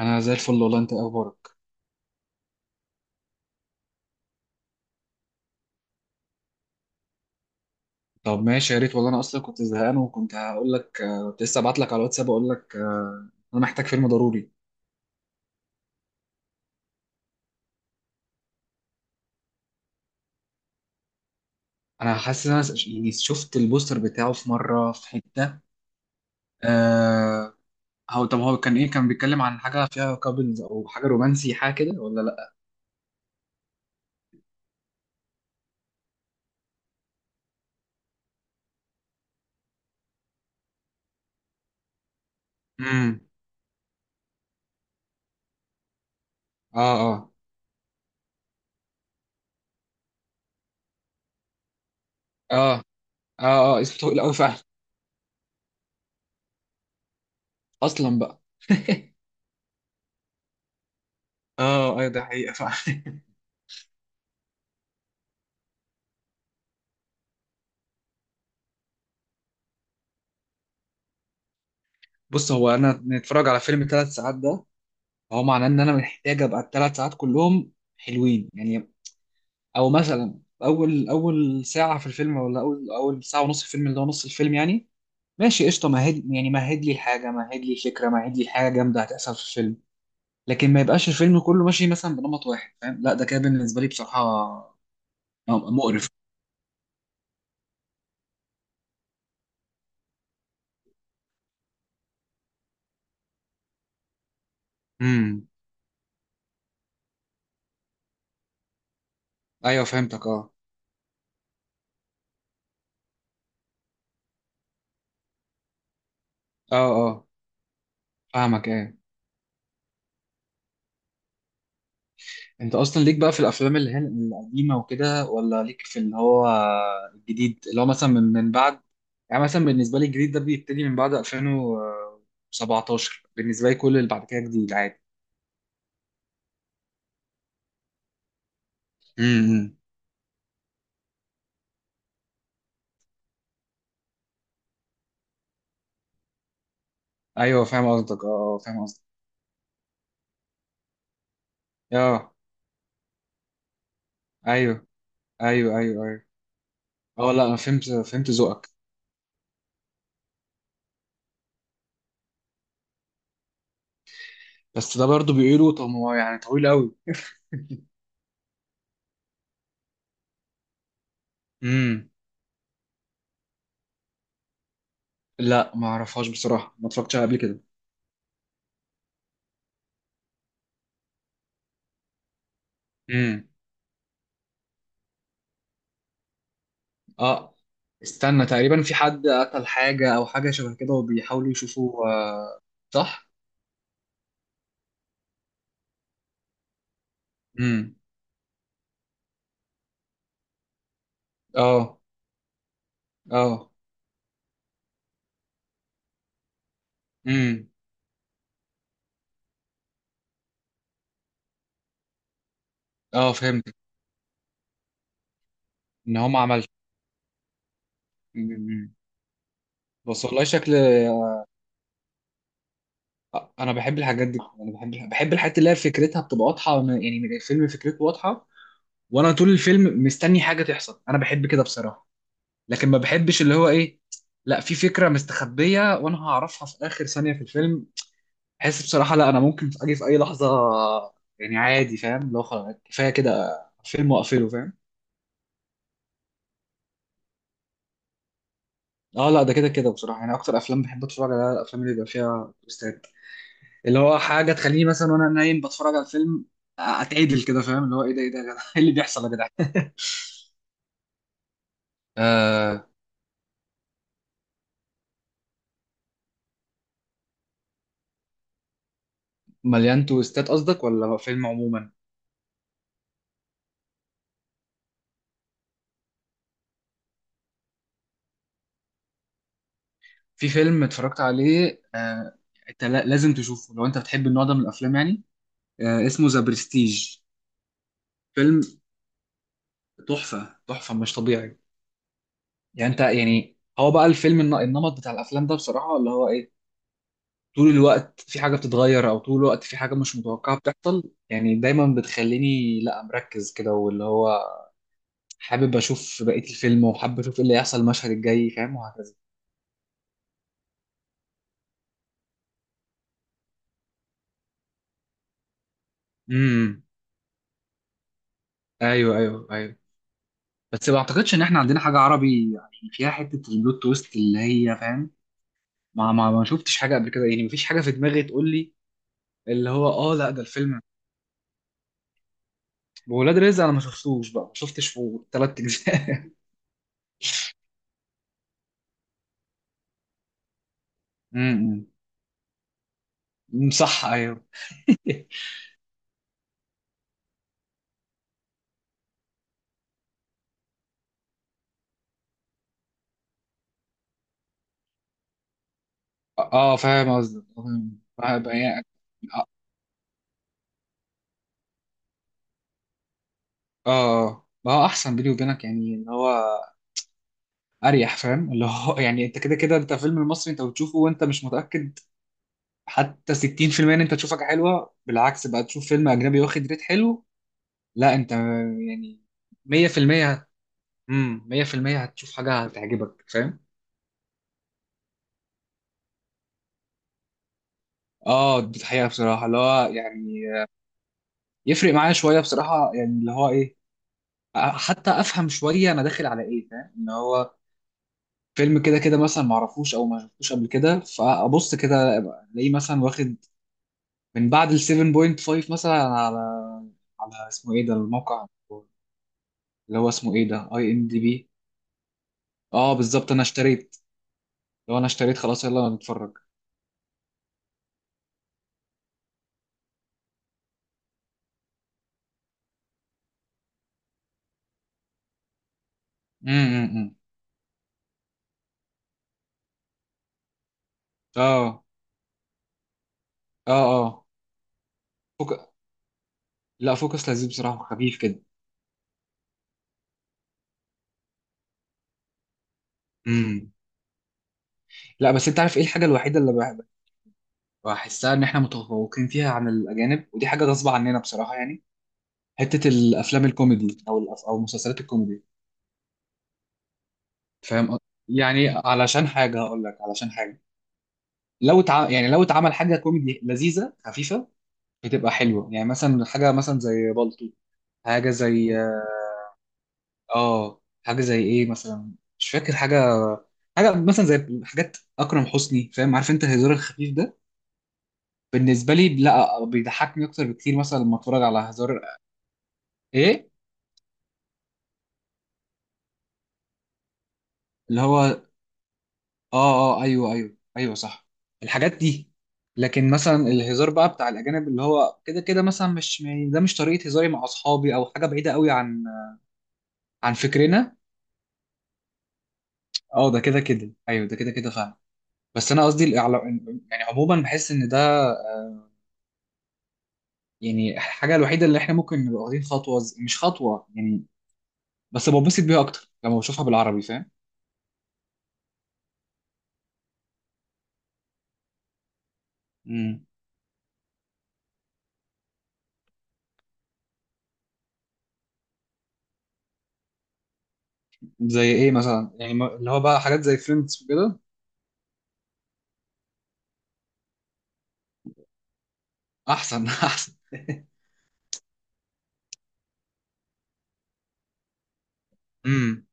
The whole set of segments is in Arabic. انا زي الفل والله. انت إيه اخبارك؟ طب ماشي يا ريت والله، انا اصلا كنت زهقان وكنت هقول لك كنت لسه ابعت لك على الواتساب اقول لك انا محتاج فيلم ضروري. انا حاسس ان انا يعني شفت البوستر بتاعه في مره في حته. أه. هو طب هو كان ايه، كان بيتكلم عن حاجه فيها كابلز او حاجه رومانسي، حاجه كده ولا لا؟ امم. اه. اه. اه. اه. اه. اسمه طويل قوي فعلا. اصلا بقى. اه ايوه، ده حقيقه فعلا. بص، هو انا نتفرج على فيلم 3 ساعات ده، فهو معناه ان انا محتاج ابقى الثلاث ساعات كلهم حلوين يعني. او مثلا اول اول ساعه في الفيلم، ولا اول اول ساعه ونص في الفيلم اللي هو نص الفيلم يعني. ماشي قشطه، مهد يعني، مهد لي الحاجه، مهد لي الفكره، مهد لي الحاجه جامده هتحصل في الفيلم. لكن ما يبقاش الفيلم كله ماشي مثلا بنمط واحد، فاهم؟ لا، ده كده بالنسبه لي بصراحه مقرف. امم. ايوه فهمتك. اه. اه. اه. فاهمك ايه. انت اصلا ليك بقى في الافلام اللي هي القديمه وكده، ولا ليك في اللي هو الجديد اللي هو مثلا من بعد. يعني مثلا بالنسبه لي الجديد ده بيبتدي من بعد 2017. بالنسبه لي كل اللي بعد كده جديد عادي. امم. ايوه فاهم قصدك. اه. فاهم قصدك. اه ايوه ايوه ايوه ايوه. اه لا، انا فهمت ذوقك. بس ده برضو بيقولوا طب هو يعني طويل قوي. امم. لا ما اعرفهاش بصراحه، ما اتفرجتش عليها قبل كده. امم. اه. استنى، تقريبا في حد قتل حاجة او حاجة شبه كده، وبيحاولوا يشوفوا، آه. صح؟ امم. اه. اه. امم. اه. فهمت ان هم عملت. امم. بس والله شكل. انا بحب الحاجات دي، انا بحب الحاجات اللي هي فكرتها بتبقى واضحة. يعني الفيلم فكرته واضحة، وانا طول الفيلم مستني حاجة تحصل، انا بحب كده بصراحة. لكن ما بحبش اللي هو ايه، لا في فكرة مستخبية وانا هعرفها في اخر ثانية في الفيلم. بحس بصراحة لا، أنا ممكن أجي في أي لحظة يعني، عادي فاهم؟ لو خلاص كفاية كده فيلم وأقفله، فاهم. اه لا، ده كده كده بصراحة، يعني أكتر أفلام بحب أتفرج عليها الأفلام اللي بيبقى فيها تويستات، اللي هو حاجة تخليني مثلا وأنا نايم بتفرج على الفيلم أتعدل كده، فاهم؟ اللي هو إيه ده إيه ده يا جدع، إيه اللي بيحصل يا جدع. آه. مليان تويستات قصدك ولا فيلم عموما؟ في فيلم اتفرجت عليه، آه. انت لازم تشوفه لو انت بتحب النوع ده من الافلام يعني. آه، اسمه ذا برستيج. فيلم تحفه تحفه مش طبيعي. يعني انت يعني هو بقى الفيلم النمط بتاع الافلام ده بصراحه اللي هو ايه، طول الوقت في حاجه بتتغير، او طول الوقت في حاجه مش متوقعه بتحصل يعني، دايما بتخليني لا مركز كده، واللي هو حابب اشوف بقيه الفيلم وحابب اشوف ايه اللي هيحصل المشهد الجاي فاهم وهكذا. امم. ايوه ايوه ايوه. بس ما اعتقدش ان احنا عندنا حاجه عربي يعني فيها حته البلوت تويست اللي هي فاهم، ما شفتش حاجه قبل كده يعني، مفيش حاجه في دماغي تقول لي. اللي هو اه لا، ده الفيلم ولاد رزق انا ما شفتوش بقى، ما شفتش في 3 اجزاء. امم. أمم، صح ايوه. اه فاهم قصدك، فاهم. يعني. اه. آه. ما هو احسن بيني وبينك يعني، ان هو اريح فاهم اللي هو، يعني انت كده كده، انت فيلم المصري انت بتشوفه وانت مش متاكد حتى 60% ان انت تشوف حاجه حلوه، بالعكس بقى تشوف فيلم اجنبي واخد ريت حلو. لا انت يعني 100%. 100% هتشوف حاجه هتعجبك، فاهم. اه دي الحقيقه بصراحه اللي هو يعني، يفرق معايا شويه بصراحه يعني اللي هو ايه، حتى افهم شويه انا داخل على ايه، فاهم ان هو فيلم كده كده مثلا ما اعرفوش او ما شفتوش قبل كده، فابص كده الاقيه مثلا واخد من بعد ال 7.5 مثلا على اسمه ايه ده الموقع، اللي هو اسمه ايه ده اي ام دي بي. اه بالظبط، انا اشتريت. لو انا اشتريت خلاص يلا نتفرج. امم. اه. اه. اه. فوك... لا فوكس لذيذ بصراحه وخفيف كده. امم لا، بس انت عارف ايه الحاجه الوحيده اللي بحسها ان احنا متفوقين فيها عن الاجانب، ودي حاجه غصب عننا بصراحه يعني، حته الافلام الكوميدي او او مسلسلات الكوميدي. فاهم قصدي؟ يعني علشان حاجه هقول لك، علشان حاجه لو يعني لو اتعمل حاجه كوميدي لذيذه خفيفه بتبقى حلوه يعني، مثلا حاجه مثلا زي بالطو. حاجه زي اه حاجه زي ايه مثلا، مش فاكر حاجه. حاجه مثلا زي حاجات اكرم حسني، فاهم عارف انت الهزار الخفيف ده. بالنسبه لي لا بيضحكني اكتر بكتير مثلا لما اتفرج على هزار. ايه اللي هو اه اه ايوه ايوه ايوه صح، الحاجات دي. لكن مثلا الهزار بقى بتاع الاجانب اللي هو كده كده مثلا مش ده مش طريقه هزاري مع اصحابي، او حاجه بعيده قوي عن فكرنا. اه ده كده كده ايوه، ده كده كده فعلا. بس انا قصدي يعني عموما بحس ان ده يعني الحاجه الوحيده اللي احنا ممكن نبقى واخدين خطوه مش خطوه يعني، بس ببسط بيها اكتر لما بشوفها بالعربي، فاهم. امم. زي ايه مثلا يعني اللي هو بقى حاجات زي فريندز وكده. احسن. احسن. امم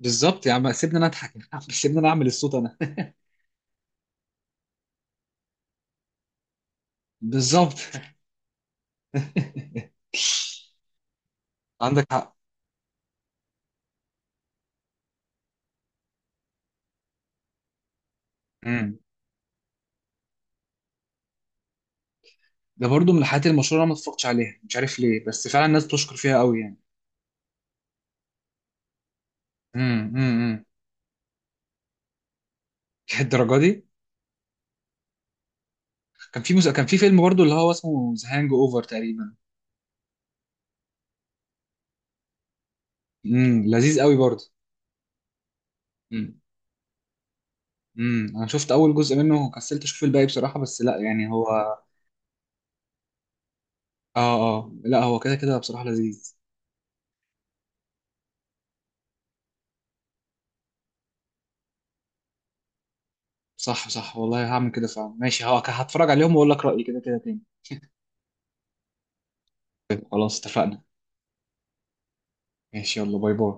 بالظبط، يا عم سيبني انا اضحك. يا عم سيبني انا اعمل الصوت انا. بالظبط. عندك حق. امم، ده برضو من الحاجات المشهوره، انا ما اتفرجتش عليها مش عارف ليه، بس فعلا الناس بتشكر فيها قوي يعني. امم. امم. الدرجه دي. كان في فيلم برضو اللي هو اسمه ذا هانج اوفر تقريبا. لذيذ قوي برضو. امم. امم. انا شفت اول جزء منه وكسلت اشوف الباقي بصراحه، بس لا يعني هو. اه. اه لا، هو كده كده بصراحه لذيذ. صح صح والله هعمل كده فعلا، ماشي هتفرج عليهم واقول لك رايي كده كده تاني. طيب، خلاص اتفقنا. ماشي يلا باي باي.